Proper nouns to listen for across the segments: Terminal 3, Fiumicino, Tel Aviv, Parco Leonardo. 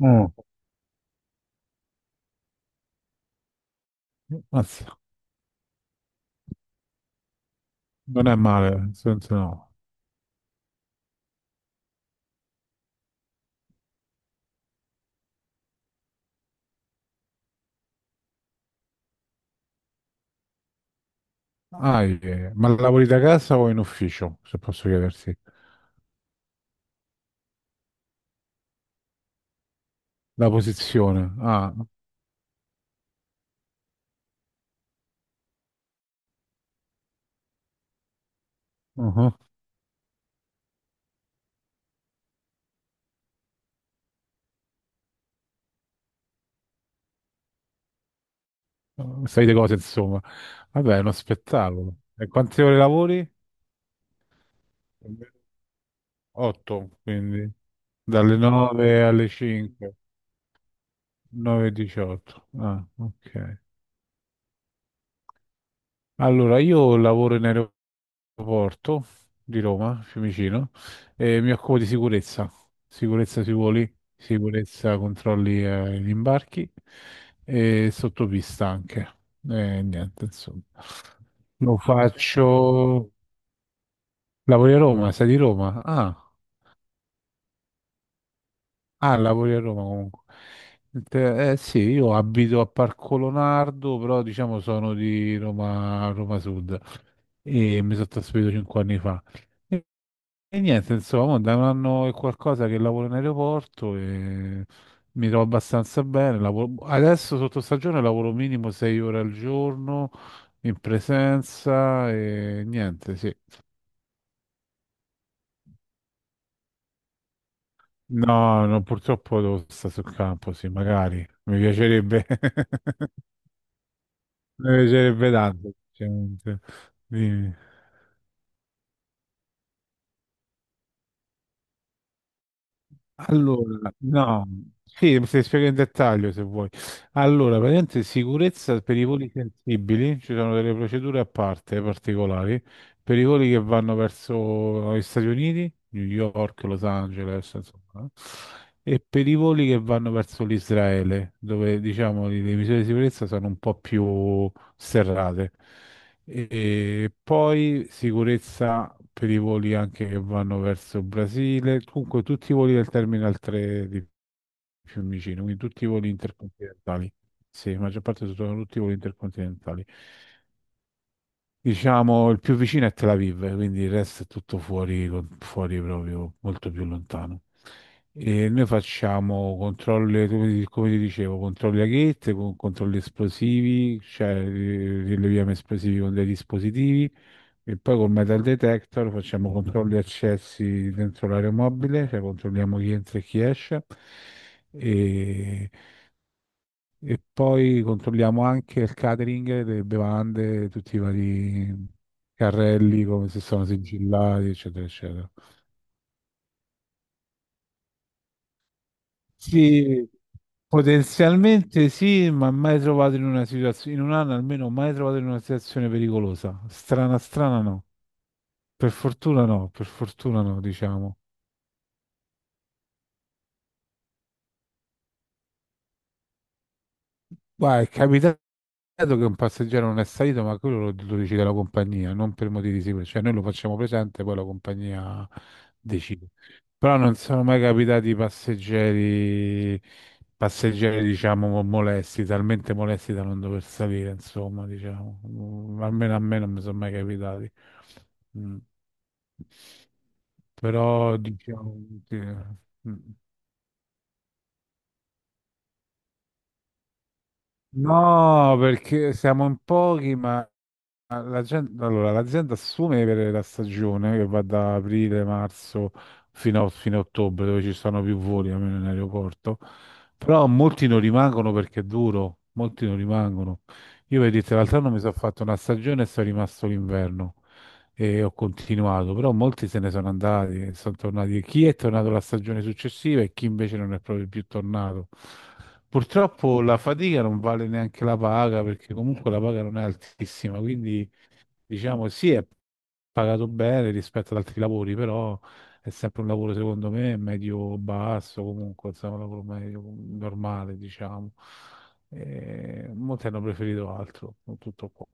Mm. Mazza, non è male, nel senso no. Ah, ma lavori da casa o in ufficio, se posso chiedersi? La posizione. Ah, uh-huh. Sai di cose, insomma. Vabbè, è uno spettacolo. E quante ore lavori? Otto, quindi dalle 9 alle 5, 9 e 18. Ah, ok. Allora, io lavoro in aeroporto Porto di Roma, Fiumicino, e mi occupo di sicurezza, sicurezza sui voli, sicurezza controlli gli imbarchi e sottopista anche. E niente, insomma. Lo faccio... Lavori a Roma, sei di Roma? Ah, ah, lavori a Roma comunque. Sì, io abito a Parco Leonardo, però diciamo sono di Roma, Roma Sud e mi sono trasferito 5 anni fa. E niente, insomma, da un anno e qualcosa che lavoro in aeroporto e mi trovo abbastanza bene. Adesso sotto stagione lavoro minimo 6 ore al giorno in presenza e niente, sì. No, no, purtroppo devo stare sul campo, sì, magari. Mi piacerebbe, mi piacerebbe tanto. Sinceramente. Dimmi. Allora, no, sì, se spiego in dettaglio se vuoi. Allora, praticamente sicurezza per i voli sensibili, ci sono delle procedure a parte particolari, per i voli che vanno verso gli Stati Uniti, New York, Los Angeles, insomma, no? E per i voli che vanno verso l'Israele, dove diciamo le misure di sicurezza sono un po' più serrate. E poi sicurezza per i voli anche che vanno verso il Brasile, comunque tutti i voli del Terminal 3 di Fiumicino, quindi tutti i voli intercontinentali. Sì, la maggior parte sono tutti i voli intercontinentali. Diciamo, il più vicino è Tel Aviv, quindi il resto è tutto fuori, fuori proprio, molto più lontano. E noi facciamo controlli, come ti dicevo, controlli a gate, controlli esplosivi, cioè rileviamo esplosivi con dei dispositivi e poi col metal detector facciamo controlli accessi dentro l'aeromobile, cioè controlliamo chi entra e chi esce. E e poi controlliamo anche il catering, le bevande, tutti i vari carrelli, come se sono sigillati, eccetera, eccetera. Sì, potenzialmente sì, ma mai trovato in una situazione, in un anno almeno mai trovato in una situazione pericolosa. Strana, strana no. Per fortuna no, per fortuna no, diciamo. Guarda, è capitato che un passeggero non è salito, ma quello lo decide la compagnia, non per motivi di sicurezza. Cioè, noi lo facciamo presente, poi la compagnia decide. Però non sono mai capitati passeggeri, passeggeri, diciamo, molesti, talmente molesti da non dover salire, insomma, diciamo. Almeno a me non mi sono mai capitati. Mm. Però, diciamo... sì. Mm. No, perché siamo in pochi, ma ah, allora, l'azienda assume per la stagione che va da aprile, marzo fino a ottobre, dove ci sono più voli almeno in aeroporto, però molti non rimangono perché è duro, molti non rimangono. Io per dirti, l'altro anno mi sono fatto una stagione e sono rimasto l'inverno e ho continuato, però molti se ne sono andati, e sono tornati. Chi è tornato la stagione successiva e chi invece non è proprio più tornato. Purtroppo la fatica non vale neanche la paga, perché comunque la paga non è altissima, quindi diciamo, sì, è pagato bene rispetto ad altri lavori, però è sempre un lavoro, secondo me, medio-basso, comunque, insomma, un lavoro medio, normale, diciamo. E molti hanno preferito altro, con tutto qua.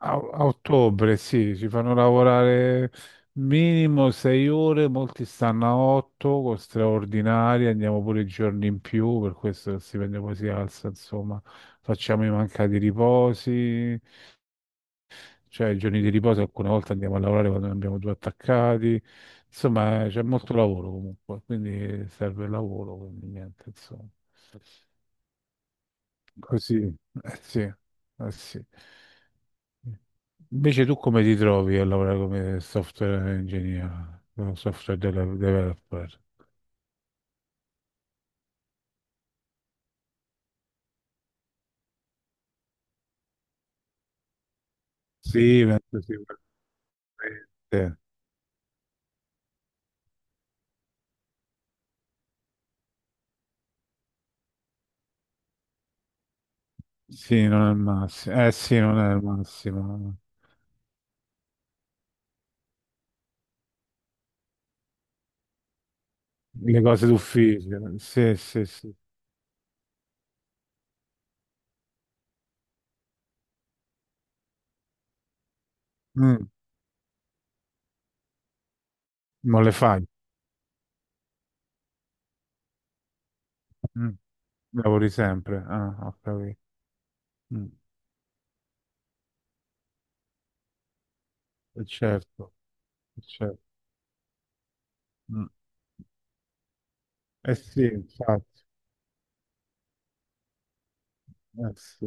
A ottobre, sì, ci fanno lavorare minimo 6 ore, molti stanno a otto, con straordinaria, andiamo pure i giorni in più, per questo il stipendio poi si alza, insomma, facciamo i mancati riposi. Cioè, i giorni di riposo alcune volte andiamo a lavorare quando ne abbiamo due attaccati. Insomma, c'è molto lavoro comunque, quindi serve il lavoro, quindi niente, insomma. Così, eh sì, eh sì. Invece tu come ti trovi a lavorare come software engineer, come developer? Sì, penso sicuramente. Sì, non è il massimo. Eh sì, non è il massimo. Le cose d'ufficio. Sì, sì, sì. Mm, non le fai. Lavori sempre, ah, ho capito. Mm, certo, certo. Mm. Eh sì, infatti, eh sì.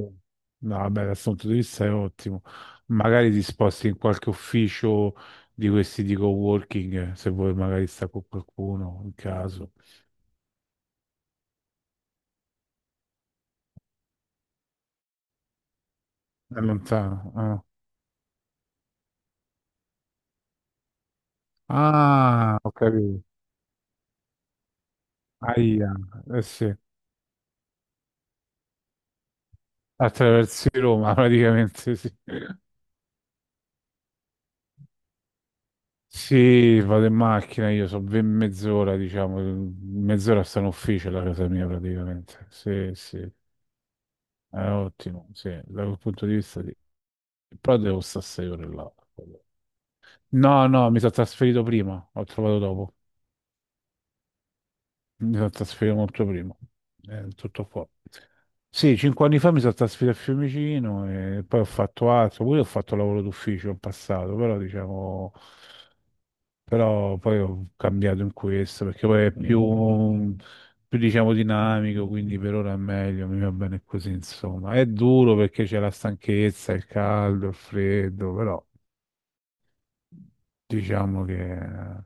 No, vabbè, dal punto di vista è ottimo. Magari ti sposti in qualche ufficio di questi di coworking, se vuoi magari sta con qualcuno, in caso. È lontano. Ah, ah, ho capito. Aia, eh sì. Attraversi Roma, praticamente, sì. Sì, vado in macchina, io so ben mezz'ora, diciamo, mezz'ora sta in ufficio la casa mia praticamente. Sì, sì, è ottimo, sì, da quel punto di vista sì. Però devo stare 6 ore là. No, no, mi sono trasferito prima, ho trovato dopo. Mi sono trasferito molto prima, tutto qua. Sì, 5 anni fa mi sono trasferito a Fiumicino e poi ho fatto altro, pure ho fatto lavoro d'ufficio in passato, però diciamo, però poi ho cambiato in questo perché poi è più, più diciamo dinamico, quindi per ora è meglio, mi va bene così, insomma. È duro perché c'è la stanchezza, il caldo, il freddo, però diciamo che.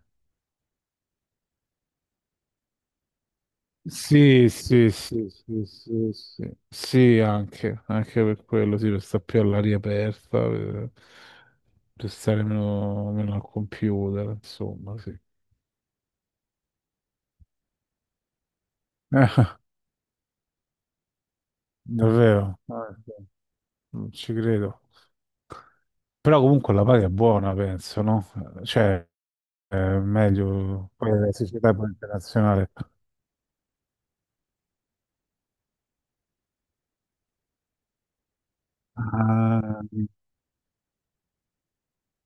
Sì, sì, sì, sì, sì, sì, sì, anche, anche per quello, sì, per stare più all'aria aperta, per stare meno al computer, insomma, sì. Davvero, ah, sì. Non ci credo. Però comunque la paga è buona, penso, no? Cioè, è meglio, poi la società poi internazionale. Ah,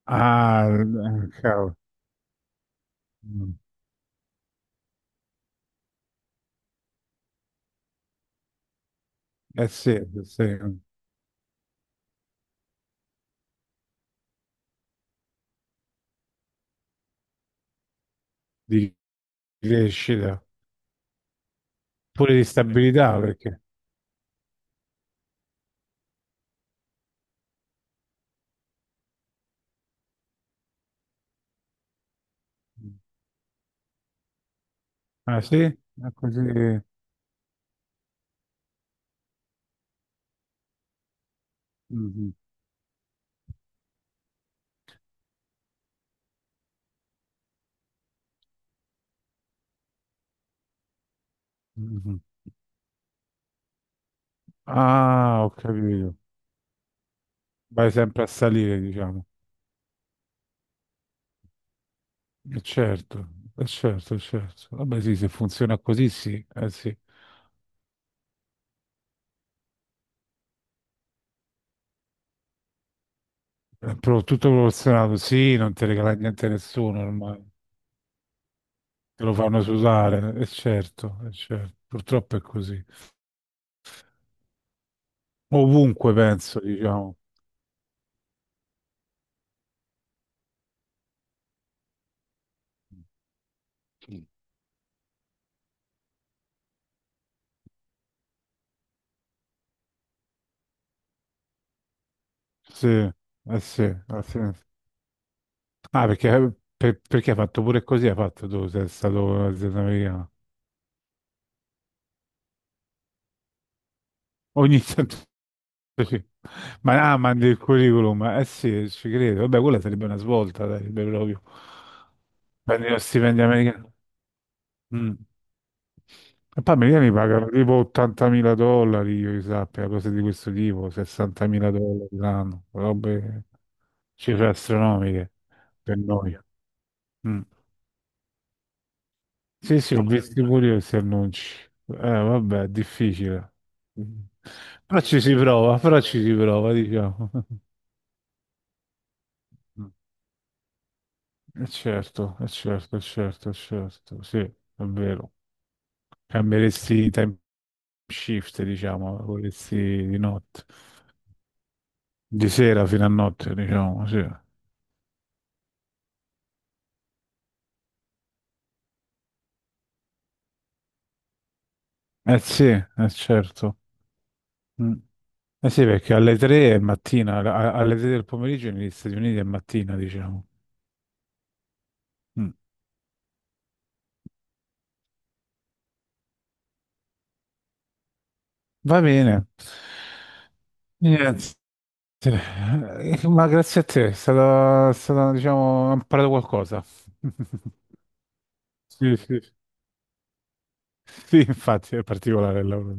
ah, cavolo. Eh sì, sì, di crescita. Pure di stabilità perché ah sì è così. Mhm, mhm. Ah, ho capito. Vai sempre a salire, diciamo. Certo, certo, certo, vabbè sì, se funziona così, sì, eh sì. Tutto proporzionato, sì, non ti regala niente a nessuno ormai. Te lo fanno usare, è certo, certo, purtroppo è così. Ovunque penso, diciamo, sì, eh sì, eh sì. Ah, perché, perché hai fatto pure così, hai fatto tu, sei stato un'azienda americana. Ogni tanto sì. Ma, ah, mandi il curriculum, eh sì, ci credo. Vabbè, quella sarebbe una svolta, sarebbe proprio. Prendi lo stipendio americano. Mm. E poi gli mi pagano tipo 80.000 dollari, io che sappia, cose di questo tipo, 60.000 dollari l'anno, robe, cifre astronomiche per noi. Mm. Sì, sì, ho visto pure io questi annunci. Vabbè, è difficile. Però ci si prova, però ci si prova, diciamo. Certo, certo, certo, certo, sì, è vero. Cambieresti i time shift, diciamo, lavoreresti di notte, di sera fino a notte, diciamo, sì. Eh sì, eh certo. Mm. Eh sì, perché alle 3 è mattina, alle 3 del pomeriggio negli Stati Uniti è mattina, diciamo. Mm. Va bene. Niente. Ma grazie a te, è stato, diciamo, ho imparato qualcosa. Sì, sì. Sì, infatti, è particolare il lavoro.